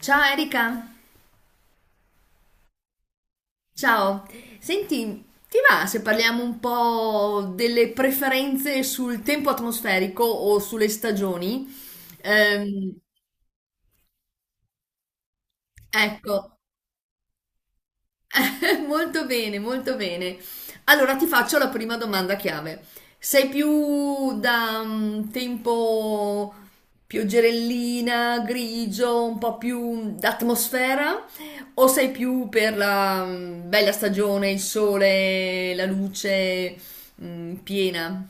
Ciao Erika, ciao. Senti, ti va se parliamo un po' delle preferenze sul tempo atmosferico o sulle stagioni? Ehm, ecco, molto bene, molto bene. Allora ti faccio la prima domanda chiave. Sei più da tempo pioggerellina, grigio, un po' più d'atmosfera, o sei più per la bella stagione, il sole, la luce piena?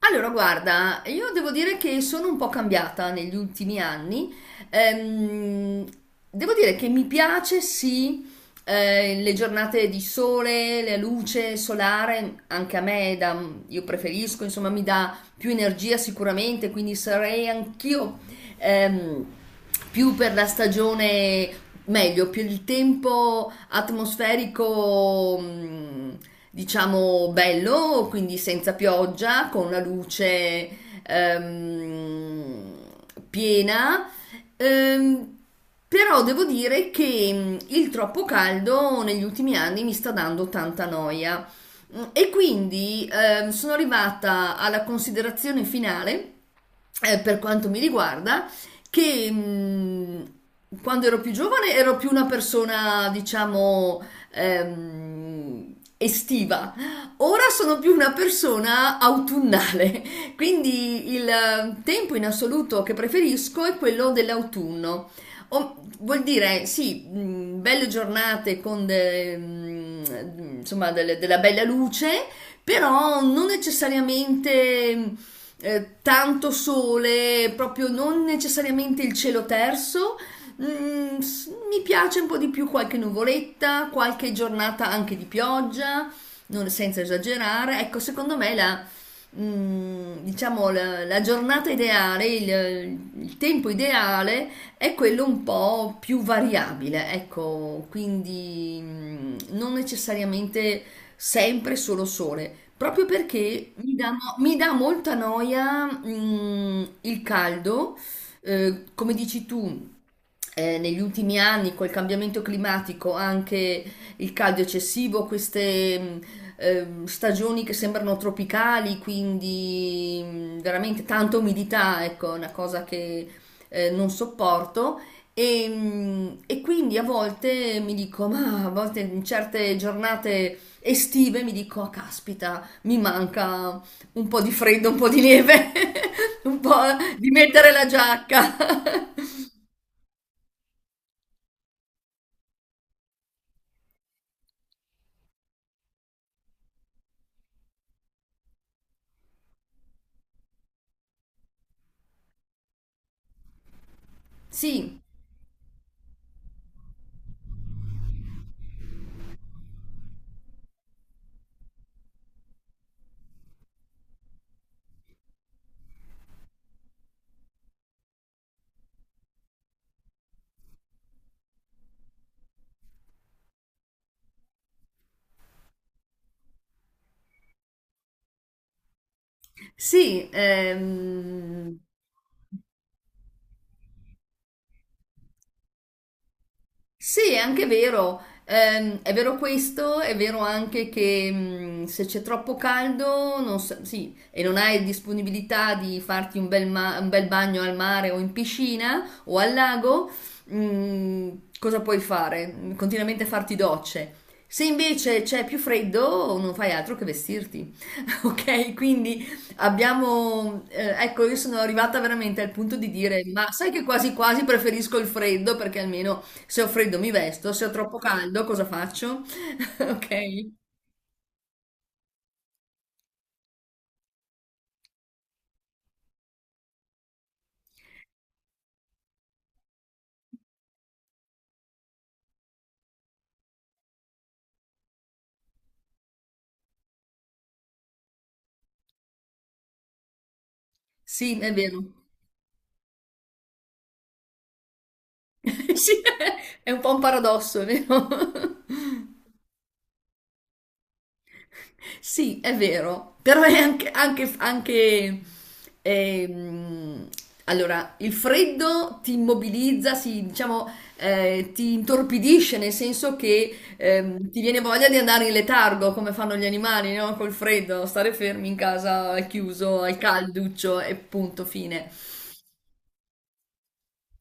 Allora, guarda, io devo dire che sono un po' cambiata negli ultimi anni. Ehm, devo dire che mi piace, sì, le giornate di sole, la luce solare, anche a me, io preferisco, insomma, mi dà più energia sicuramente, quindi sarei anch'io ehm, più per la stagione meglio, più il tempo atmosferico, diciamo, bello, quindi senza pioggia, con la luce ehm, piena. Ehm, però devo dire che il troppo caldo negli ultimi anni mi sta dando tanta noia. E quindi sono arrivata alla considerazione finale per quanto mi riguarda, che quando ero più giovane ero più una persona, diciamo, estiva. Ora sono più una persona autunnale, quindi il tempo in assoluto che preferisco è quello dell'autunno. Vuol dire, sì, belle giornate con insomma, della bella luce, però non necessariamente tanto sole, proprio non necessariamente il cielo terso. Mi piace un po' di più qualche nuvoletta, qualche giornata anche di pioggia, senza esagerare. Ecco, secondo me diciamo, la giornata ideale, il tempo ideale è quello un po' più variabile, ecco, quindi non necessariamente sempre solo sole, proprio perché mi dà molta noia, il caldo, come dici tu negli ultimi anni col cambiamento climatico, anche il caldo eccessivo, queste stagioni che sembrano tropicali, quindi veramente tanta umidità, ecco, è una cosa che non sopporto. E quindi a volte mi dico, ma a volte in certe giornate estive mi dico, "Ah, caspita, mi manca un po' di freddo, un po' di neve, un po' di mettere la giacca." Sì. Sì, sì, è anche vero. È vero questo, è vero anche che se c'è troppo caldo, non sa- sì, e non hai disponibilità di farti un bel bagno al mare o in piscina o al lago, mh, cosa puoi fare? Continuamente farti docce. Se invece c'è più freddo, non fai altro che vestirti. Ok? Quindi abbiamo, ecco, io sono arrivata veramente al punto di dire, ma sai che quasi quasi preferisco il freddo perché almeno se ho freddo mi vesto, se ho troppo caldo cosa faccio? Ok? Sì, è vero. Sì, è un po' un paradosso, vero? Sì, è vero. Però è anche, ehm, allora, il freddo ti immobilizza, diciamo, ti intorpidisce, nel senso che ti viene voglia di andare in letargo, come fanno gli animali, no? Col freddo, stare fermi in casa, al chiuso, al calduccio e punto, fine.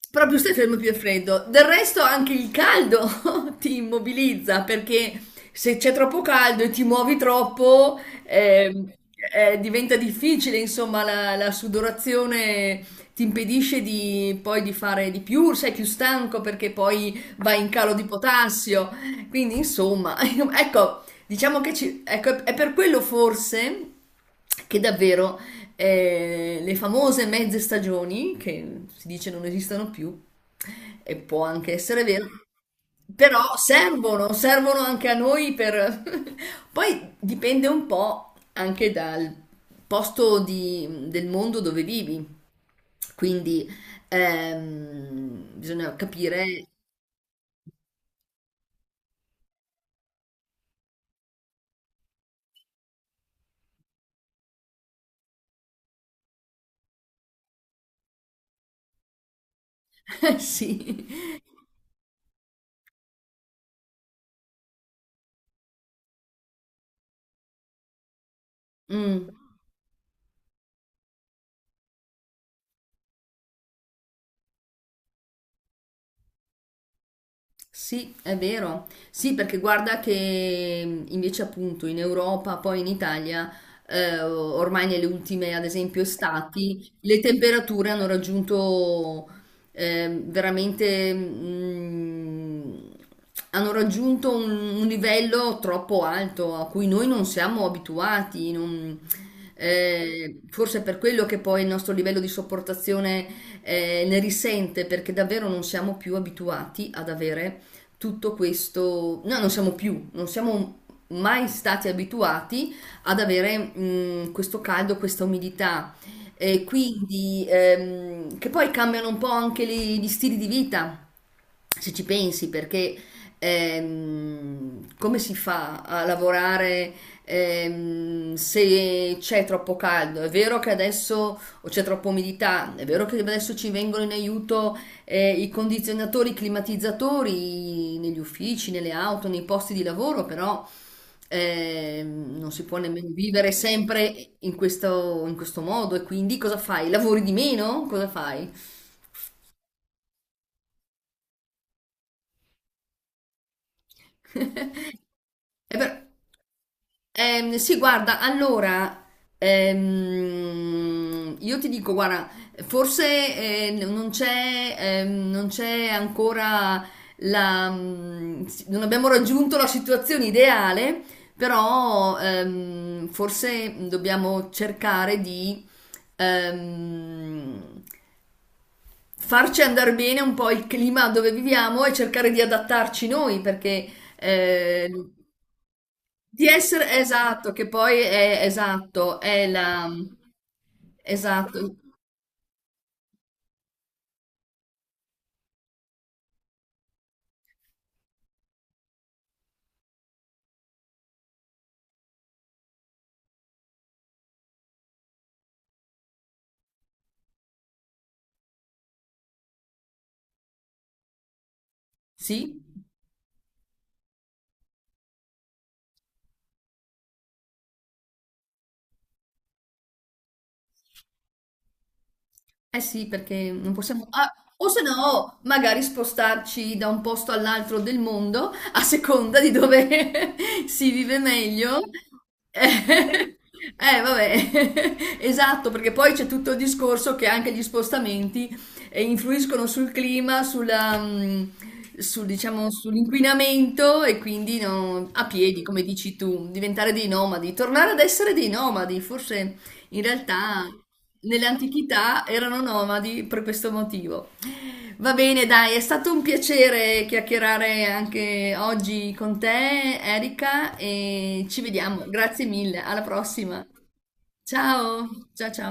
Proprio questo è il giorno più freddo. Del resto anche il caldo ti immobilizza perché se c'è troppo caldo e ti muovi troppo diventa difficile, insomma, la sudorazione ti impedisce di, poi di fare di più, sei più stanco perché poi vai in calo di potassio. Quindi, insomma, ecco, diciamo che ci, ecco, è per quello forse che davvero le famose mezze stagioni, che si dice non esistono più, e può anche essere vero, però servono, servono anche a noi per... Poi dipende un po' anche dal posto del mondo dove vivi, quindi bisogna capire... Sì. Mm. Sì, è vero. Sì, perché guarda che invece appunto in Europa, poi in Italia, ormai nelle ultime, ad esempio, estati, le temperature hanno raggiunto veramente, hanno raggiunto un livello troppo alto a cui noi non siamo abituati. Forse è per quello che poi il nostro livello di sopportazione ne risente, perché davvero non siamo più abituati ad avere tutto questo, noi non siamo mai stati abituati ad avere questo caldo, questa umidità. E quindi che poi cambiano un po' anche gli stili di vita se ci pensi, perché come si fa a lavorare se c'è troppo caldo? È vero che adesso o c'è troppa umidità, è vero che adesso ci vengono in aiuto i condizionatori, i climatizzatori negli uffici, nelle auto, nei posti di lavoro, però non si può nemmeno vivere sempre in questo modo e quindi cosa fai? Lavori di meno? Cosa fai? E però- sì, guarda, allora, io ti dico, guarda, forse non c'è ancora non abbiamo raggiunto la situazione ideale, però forse dobbiamo cercare di ehm, farci andare bene un po' il clima dove viviamo e cercare di adattarci noi, perché eh, di essere esatto, che poi è esatto, è la... Esatto, sì. Eh sì, perché non possiamo... ah, o se no, magari spostarci da un posto all'altro del mondo, a seconda di dove si vive meglio. Eh, vabbè, esatto, perché poi c'è tutto il discorso che anche gli spostamenti influiscono sul clima, diciamo, sull'inquinamento e quindi no, a piedi, come dici tu, diventare dei nomadi, tornare ad essere dei nomadi, forse in realtà, nell'antichità erano nomadi per questo motivo. Va bene, dai, è stato un piacere chiacchierare anche oggi con te, Erika, e ci vediamo. Grazie mille, alla prossima. Ciao, ciao ciao.